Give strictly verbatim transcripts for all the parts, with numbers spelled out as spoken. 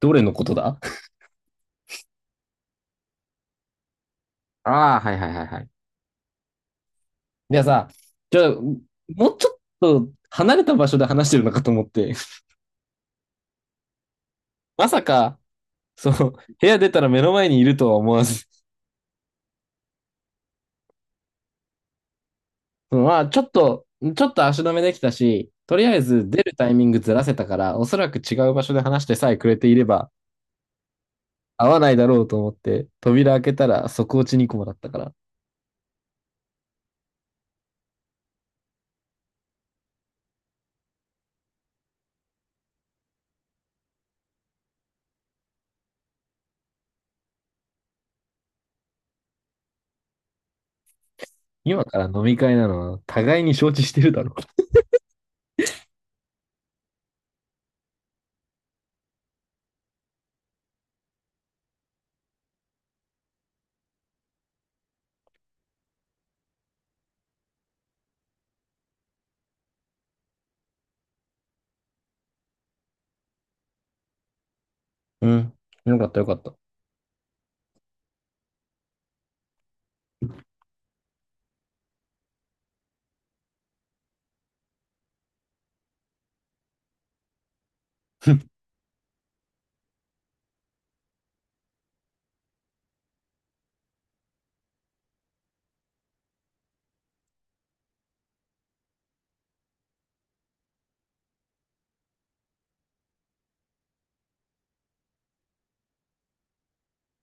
どれのことだ。ああ、はいはいはいはい。いやさ、じゃあ、もうちょっと離れた場所で話してるのかと思って、まさか、その、部屋出たら目の前にいるとは思わず、そのまあ、ちょっと、ちょっと足止めできたし、とりあえず出るタイミングずらせたから、おそらく違う場所で話してさえくれていれば、合わないだろうと思って、扉開けたら即落ちにコもだったから、今から飲み会なのは互いに承知してるだろう。うん。よかったよかった。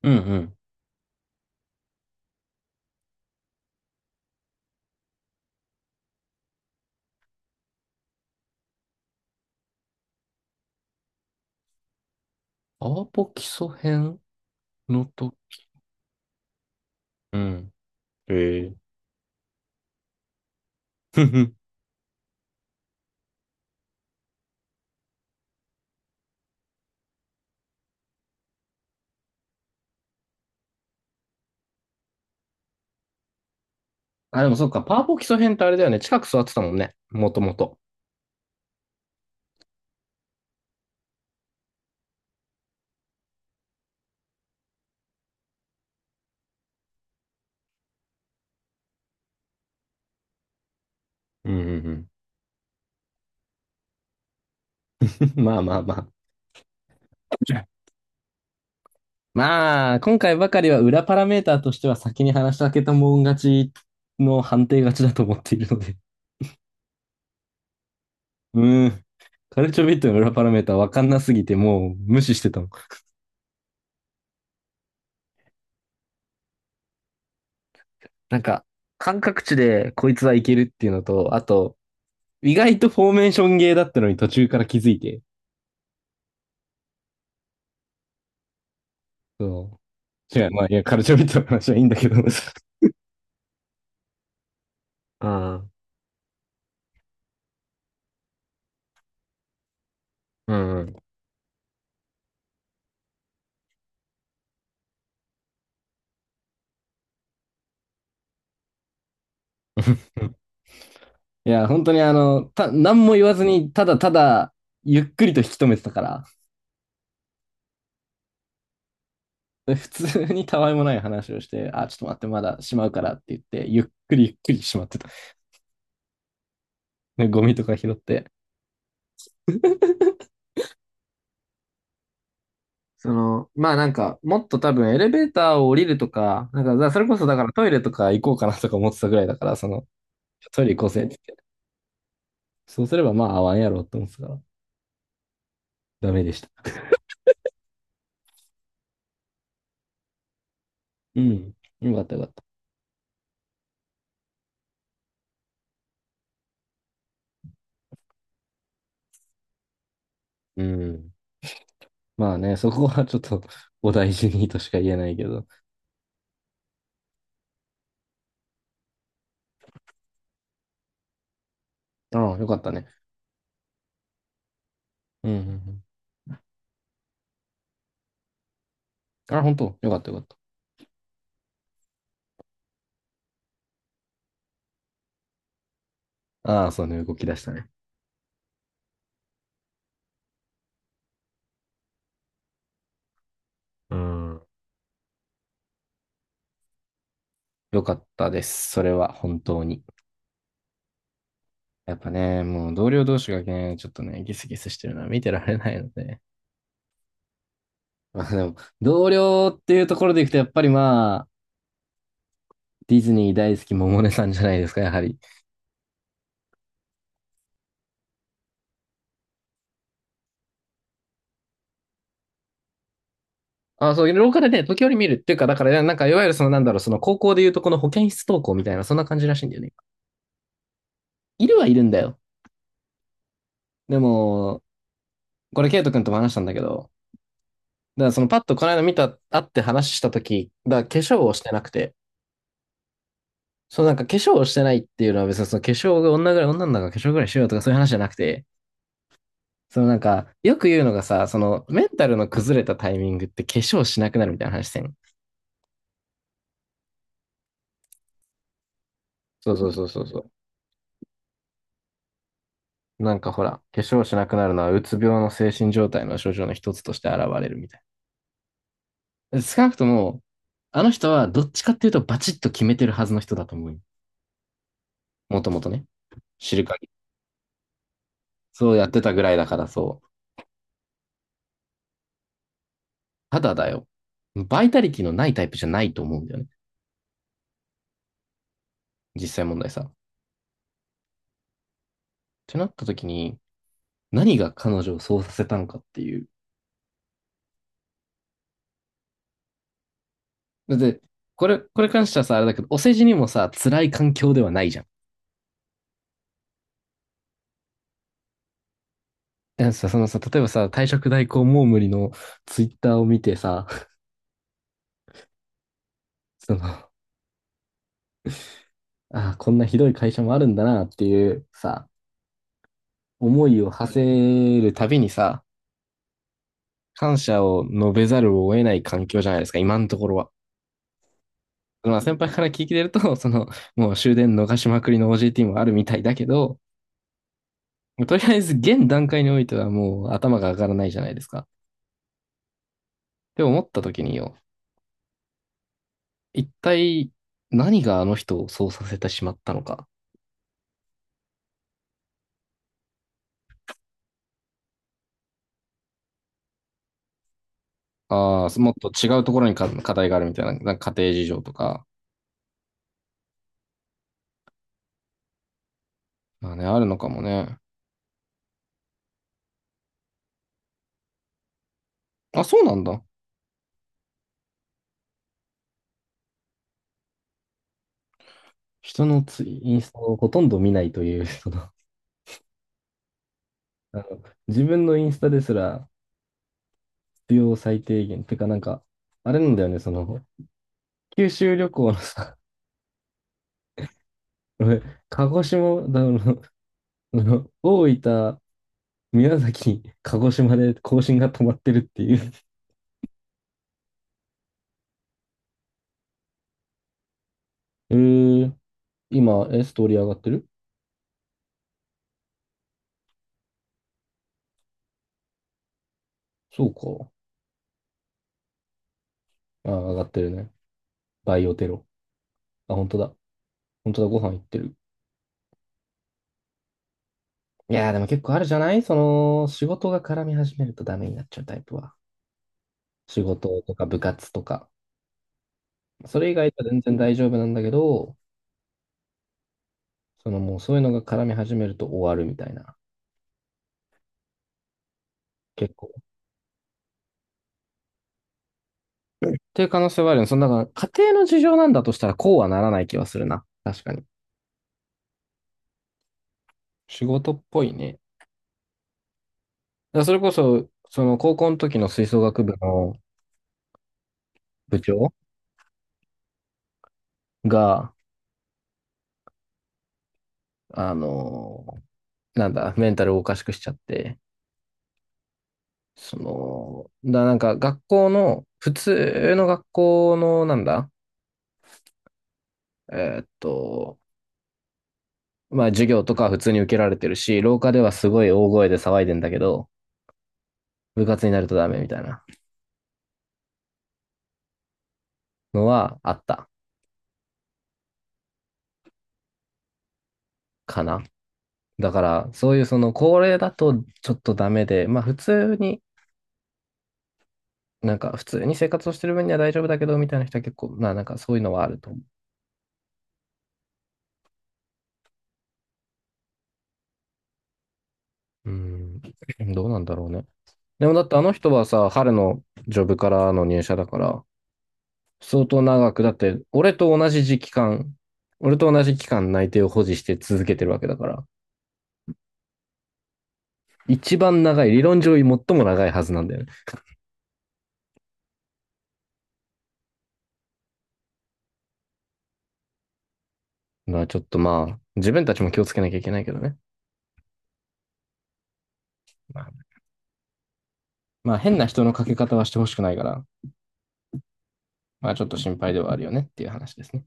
うんうん。アワポ基礎編ノート。うん。へえ。ふふ。あ、でもそっか、パワポ基礎編ってあれだよね。近く座ってたもんね。もともと。うんうん。 まあまあまあ。まあ、今回ばかりは裏パラメーターとしては先に話したけたもん勝ちの判定勝ちだと思っているので。うーん。カルチョビットの裏パラメーターわかんなすぎてもう無視してたの。なんか、感覚値でこいつはいけるっていうのと、あと、意外とフォーメーションゲーだったのに途中から気づいて。そう。違う、まあ、いや、カルチョビットの話はいいんだけど。ああ、うんうん。いや、本当にあの、た、何も言わずに、ただただ、ゆっくりと引き止めてたから、普通にたわいもない話をして、あ、ちょっと待って、まだしまうからって言って、ゆっくりゆっくりしまってた。ねゴミとか拾って。その、まあなんか、もっと多分エレベーターを降りるとか、なんか、だそれこそだからトイレとか行こうかなとか思ってたぐらいだから、その、トイレ行こうぜって言って。そうすればまあ合わんやろうって思ってたから、ダメでした。うん。よかったよかった。うん。まあね、そこはちょっと お大事にとしか言えないけど。ああ、よかったね。うんうんうん。あ、本当よかったよかった。ああ、そうね、動き出したね。うん。よかったです。それは本当に。やっぱね、もう同僚同士がね、ちょっとね、ギスギスしてるのは見てられないので。まあでも、同僚っていうところでいくと、やっぱりまあ、ディズニー大好き百音さんじゃないですか、やはり。あ、そう、廊下でね、時折見るっていうか、だから、なんか、いわゆるその、なんだろう、その高校でいうとこの保健室登校みたいな、そんな感じらしいんだよね。いるはいるんだよ。でも、これ、ケイト君とも話したんだけど、だからそのパッとこの間見た、会って話した時だから化粧をしてなくて、そのなんか化粧をしてないっていうのは別にその化粧が女ぐらい、女の子が化粧ぐらいしようとかそういう話じゃなくて、そのなんか、よく言うのがさ、そのメンタルの崩れたタイミングって化粧しなくなるみたいな話してん。そうそうそうそうそう。なんかほら、化粧しなくなるのはうつ病の精神状態の症状の一つとして現れるみたいな。少なくとも、あの人はどっちかっていうとバチッと決めてるはずの人だと思うよ。もともとね。知る限そうやってたぐらいだからそう。ただだよ。バイタリティのないタイプじゃないと思うんだよね。実際問題さ。ってなった時に、何が彼女をそうさせたのかっていう。だって、これ、これ関してはさ、あれだけど、お世辞にもさ、辛い環境ではないじゃん。だからさ、そのさ、例えばさ、退職代行もう無理のツイッターを見てさ、その、ああ、こんなひどい会社もあるんだなっていうさ、思いを馳せるたびにさ、感謝を述べざるを得ない環境じゃないですか、今のところは。まあ先輩から聞いてると、その、もう終電逃しまくりの オージェーティー もあるみたいだけど、とりあえず現段階においてはもう頭が上がらないじゃないですか。って思った時によ、一体何があの人をそうさせてしまったのか。ああ、もっと違うところにか課題があるみたいな、なんか家庭事情とか、まあね、あるのかもね。あ、そうなんだ。人のツイインスタをほとんど見ないという、その、あの、自分のインスタですら必要最低限。てかなんか、あれなんだよね、その、九州旅行のさ、俺鹿児島、だ、あの、の大分、宮崎、鹿児島で更新が止まってるっていう。えー、今、え、ストーリー上がってる？そうか。あ、上がってるね。バイオテロ。あ、本当だ。本当だ、ご飯行ってる。いやー、でも結構あるじゃないその、仕事が絡み始めるとダメになっちゃうタイプは。仕事とか部活とか。それ以外は全然大丈夫なんだけど、そのもうそういうのが絡み始めると終わるみたいな。結構っていう可能性はあるよね。その、だから家庭の事情なんだとしたらこうはならない気はするな。確かに。仕事っぽいね。だからそれこそ、その高校の時の吹奏楽部の部長が、あのー、なんだ、メンタルをおかしくしちゃって、その、だなんか学校の、普通の学校の、なんだ、えーっと、まあ授業とかは普通に受けられてるし、廊下ではすごい大声で騒いでんだけど、部活になるとダメみたいなのはあったかな。だから、そういうその高齢だとちょっとダメで、まあ普通に、なんか普通に生活をしてる分には大丈夫だけど、みたいな人は結構、まあなんかそういうのはあると思う。うん、どうなんだろうね。でもだってあの人はさ、春のジョブからの入社だから、相当長く、だって俺と同じ時期間、俺と同じ期間内定を保持して続けてるわけだから、一番長い、理論上最も長いはずなんだよね。まあちょっとまあ、自分たちも気をつけなきゃいけないけどね。まあまあ変な人のかけ方はしてほしくないから、まあちょっと心配ではあるよねっていう話ですね。